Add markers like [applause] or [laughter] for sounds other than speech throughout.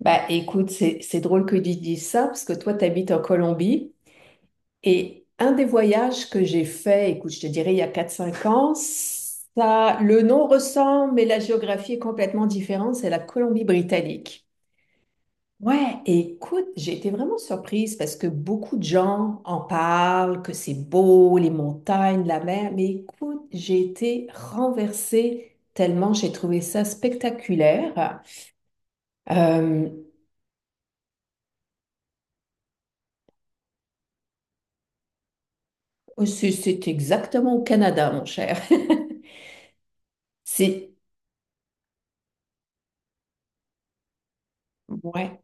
Bah écoute, c'est drôle que tu dises ça parce que toi, tu habites en Colombie, et un des voyages que j'ai fait, écoute, je te dirais il y a quatre cinq ans, ça, le nom ressemble, mais la géographie est complètement différente, c'est la Colombie-Britannique. Ouais, écoute, j'ai été vraiment surprise parce que beaucoup de gens en parlent, que c'est beau, les montagnes, la mer, mais écoute, j'ai été renversée tellement j'ai trouvé ça spectaculaire. Euh, Oh, c'est exactement au Canada, mon cher. [laughs] C'est, ouais,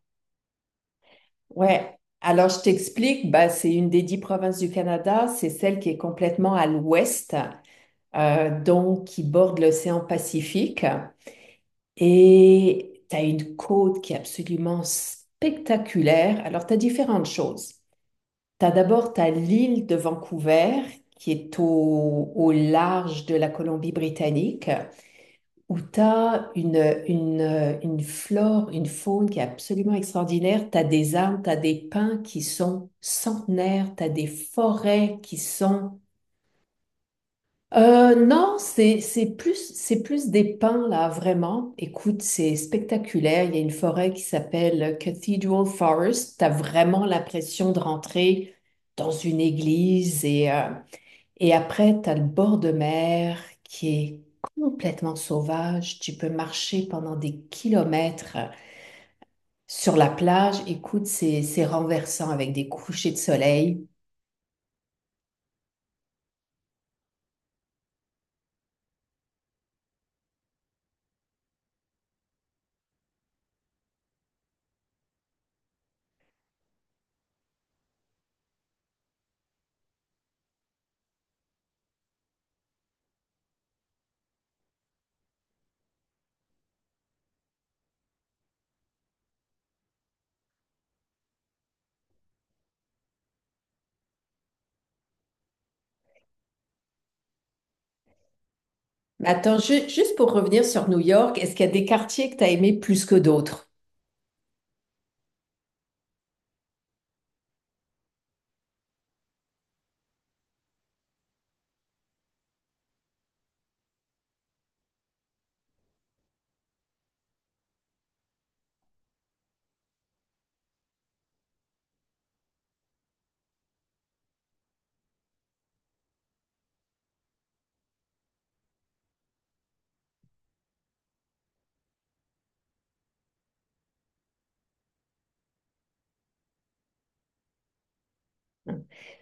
ouais. Alors, je t'explique, bah, c'est une des 10 provinces du Canada, c'est celle qui est complètement à l'ouest, donc qui borde l'océan Pacifique. Et tu as une côte qui est absolument spectaculaire. Alors, tu as différentes choses. Tu as d'abord t'as l'île de Vancouver, qui est au, au large de la Colombie-Britannique, où tu as une, une flore, une faune qui est absolument extraordinaire. Tu as des arbres, tu as des pins qui sont centenaires, tu as des forêts qui sont... non, c'est, c'est plus des pins, là, vraiment. Écoute, c'est spectaculaire. Il y a une forêt qui s'appelle Cathedral Forest. Tu as vraiment l'impression de rentrer dans une église et... Et après, tu as le bord de mer qui est complètement sauvage. Tu peux marcher pendant des kilomètres sur la plage. Écoute, c'est renversant avec des couchers de soleil. Mais attends, juste pour revenir sur New York, est-ce qu'il y a des quartiers que tu as aimés plus que d'autres?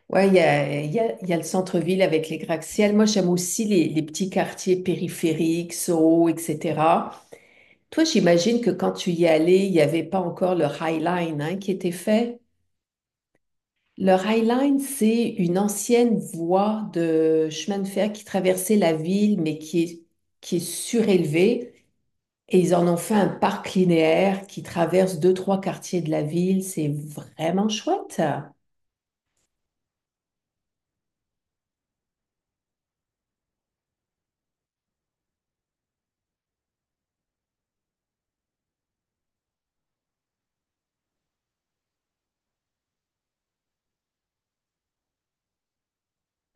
Ouais, il y a le centre-ville avec les gratte-ciels. Moi, j'aime aussi les petits quartiers périphériques, Soho, etc. Toi, j'imagine que quand tu y allais, il n'y avait pas encore le High Line, hein, qui était fait. Le High Line, c'est une ancienne voie de chemin de fer qui traversait la ville, mais qui est surélevée. Et ils en ont fait un parc linéaire qui traverse deux, trois quartiers de la ville. C'est vraiment chouette.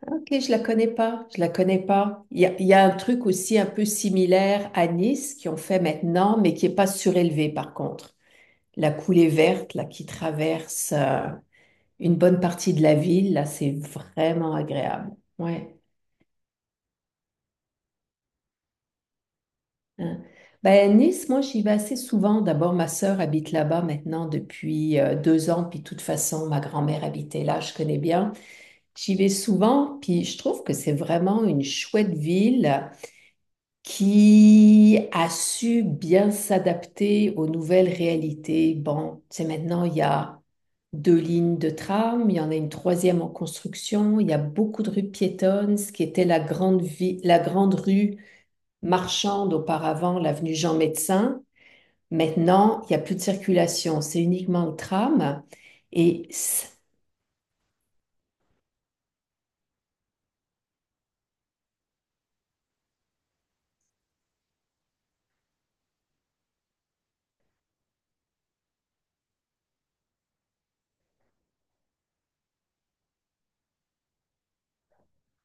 Ok, je la connais pas. Je la connais pas. Il y a un truc aussi un peu similaire à Nice qui ont fait maintenant, mais qui est pas surélevé par contre. La coulée verte, là, qui traverse une bonne partie de la ville, là, c'est vraiment agréable. Ouais. Hein. Ben, Nice, moi, j'y vais assez souvent. D'abord, ma sœur habite là-bas maintenant depuis 2 ans, puis de toute façon, ma grand-mère habitait là, je connais bien. J'y vais souvent, puis je trouve que c'est vraiment une chouette ville qui a su bien s'adapter aux nouvelles réalités. Bon, c'est maintenant, il y a 2 lignes de tram, il y en a une troisième en construction, il y a beaucoup de rues piétonnes, ce qui était la grande vie, la grande rue marchande auparavant, l'avenue Jean-Médecin. Maintenant, il n'y a plus de circulation, c'est uniquement le tram. Et c-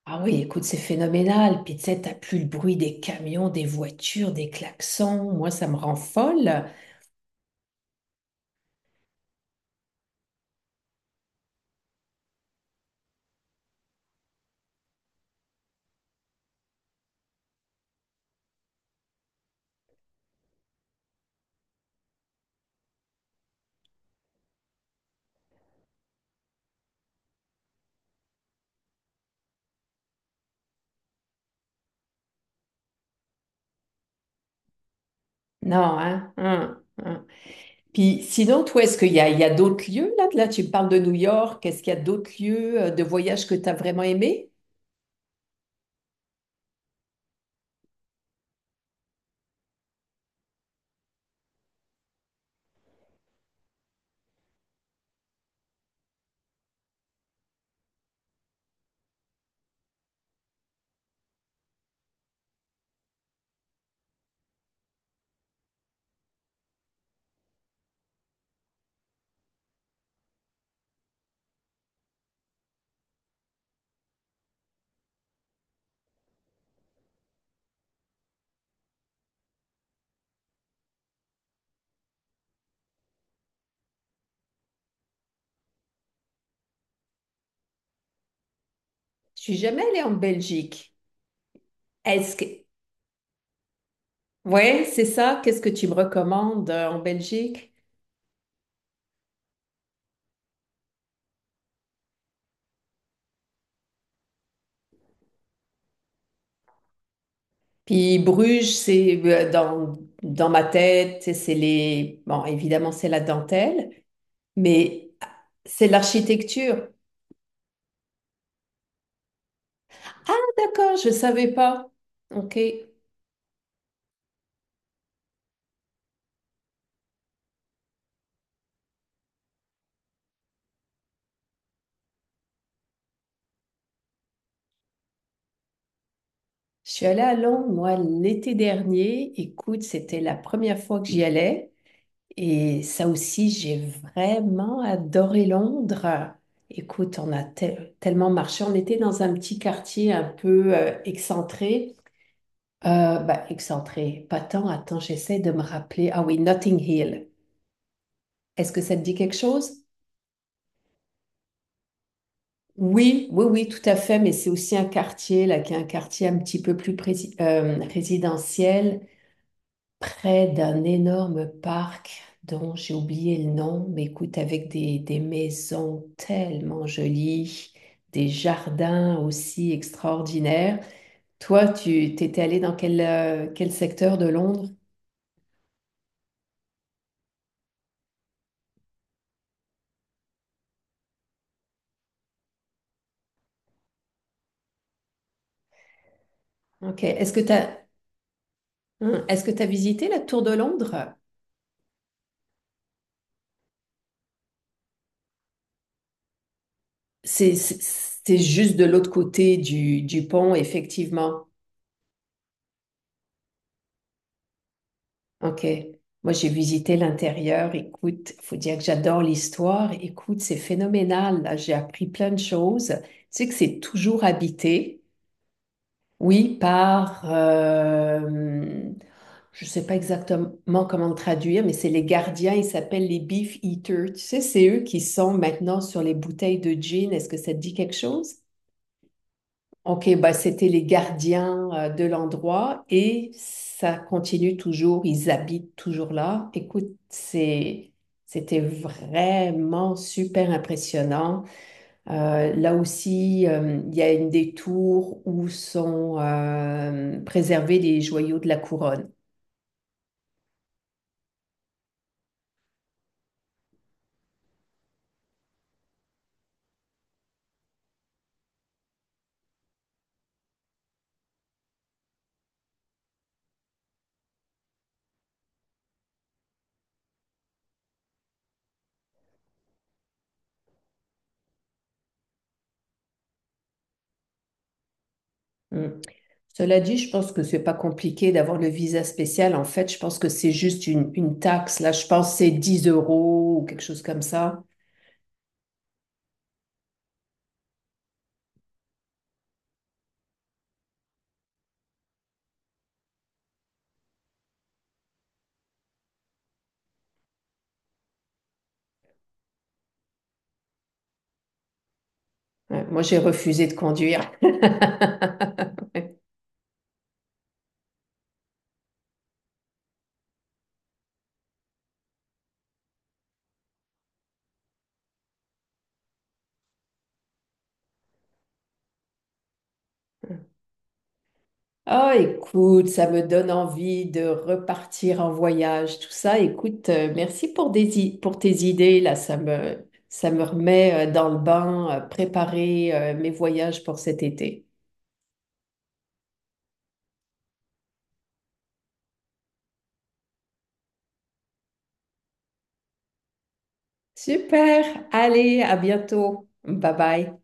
ah oui, écoute, c'est phénoménal. Puis tu sais, t'as plus le bruit des camions, des voitures, des klaxons. Moi, ça me rend folle. Non, hein? Hein, hein. Puis sinon, toi, est-ce qu'il y a, il y a d'autres lieux là? Là, tu me parles de New York. Est-ce qu'il y a d'autres lieux de voyage que tu as vraiment aimé? Je suis jamais allée en Belgique. Est-ce que... Ouais, c'est ça. Qu'est-ce que tu me recommandes en Belgique? Puis Bruges, c'est dans ma tête, c'est les... Bon, évidemment, c'est la dentelle, mais ah, c'est l'architecture. Ah, d'accord, je ne savais pas. Ok. Je suis allée à Londres, moi, l'été dernier. Écoute, c'était la première fois que j'y allais. Et ça aussi, j'ai vraiment adoré Londres. Écoute, on a tellement marché. On était dans un petit quartier un peu excentré. Bah, excentré, pas tant. Attends, j'essaie de me rappeler. Ah oui, Notting Hill. Est-ce que ça te dit quelque chose? Oui, oui, oui, tout à fait, mais c'est aussi un quartier, là, qui est un quartier un petit peu plus résidentiel, près d'un énorme parc dont j'ai oublié le nom, mais écoute, avec des maisons tellement jolies, des jardins aussi extraordinaires. Toi, tu t'étais allé dans quel, quel secteur de Londres? Ok. Est-ce que tu as, est-ce que tu as visité la Tour de Londres? C'est juste de l'autre côté du pont, effectivement. Ok. Moi, j'ai visité l'intérieur. Écoute, faut dire que j'adore l'histoire. Écoute, c'est phénoménal. Là, j'ai appris plein de choses. Tu sais que c'est toujours habité, oui, par, je sais pas exactement comment le traduire, mais c'est les gardiens. Ils s'appellent les beef eaters. Tu sais, c'est eux qui sont maintenant sur les bouteilles de gin. Est-ce que ça te dit quelque chose? Ok, bah c'était les gardiens de l'endroit et ça continue toujours, ils habitent toujours là. Écoute, c'est, c'était vraiment super impressionnant. Là aussi, il y a une des tours où sont préservés les joyaux de la couronne. Mm. Cela dit, je pense que c'est pas compliqué d'avoir le visa spécial. En fait, je pense que c'est juste une taxe. Là, je pense que c'est 10 euros ou quelque chose comme ça. Ouais, moi, j'ai refusé de conduire. [laughs] Ouais. Oh, écoute, ça me donne envie de repartir en voyage, tout ça. Écoute, merci pour, pour tes idées, là, ça me remet dans le bain, préparer mes voyages pour cet été. Super, allez, à bientôt. Bye bye.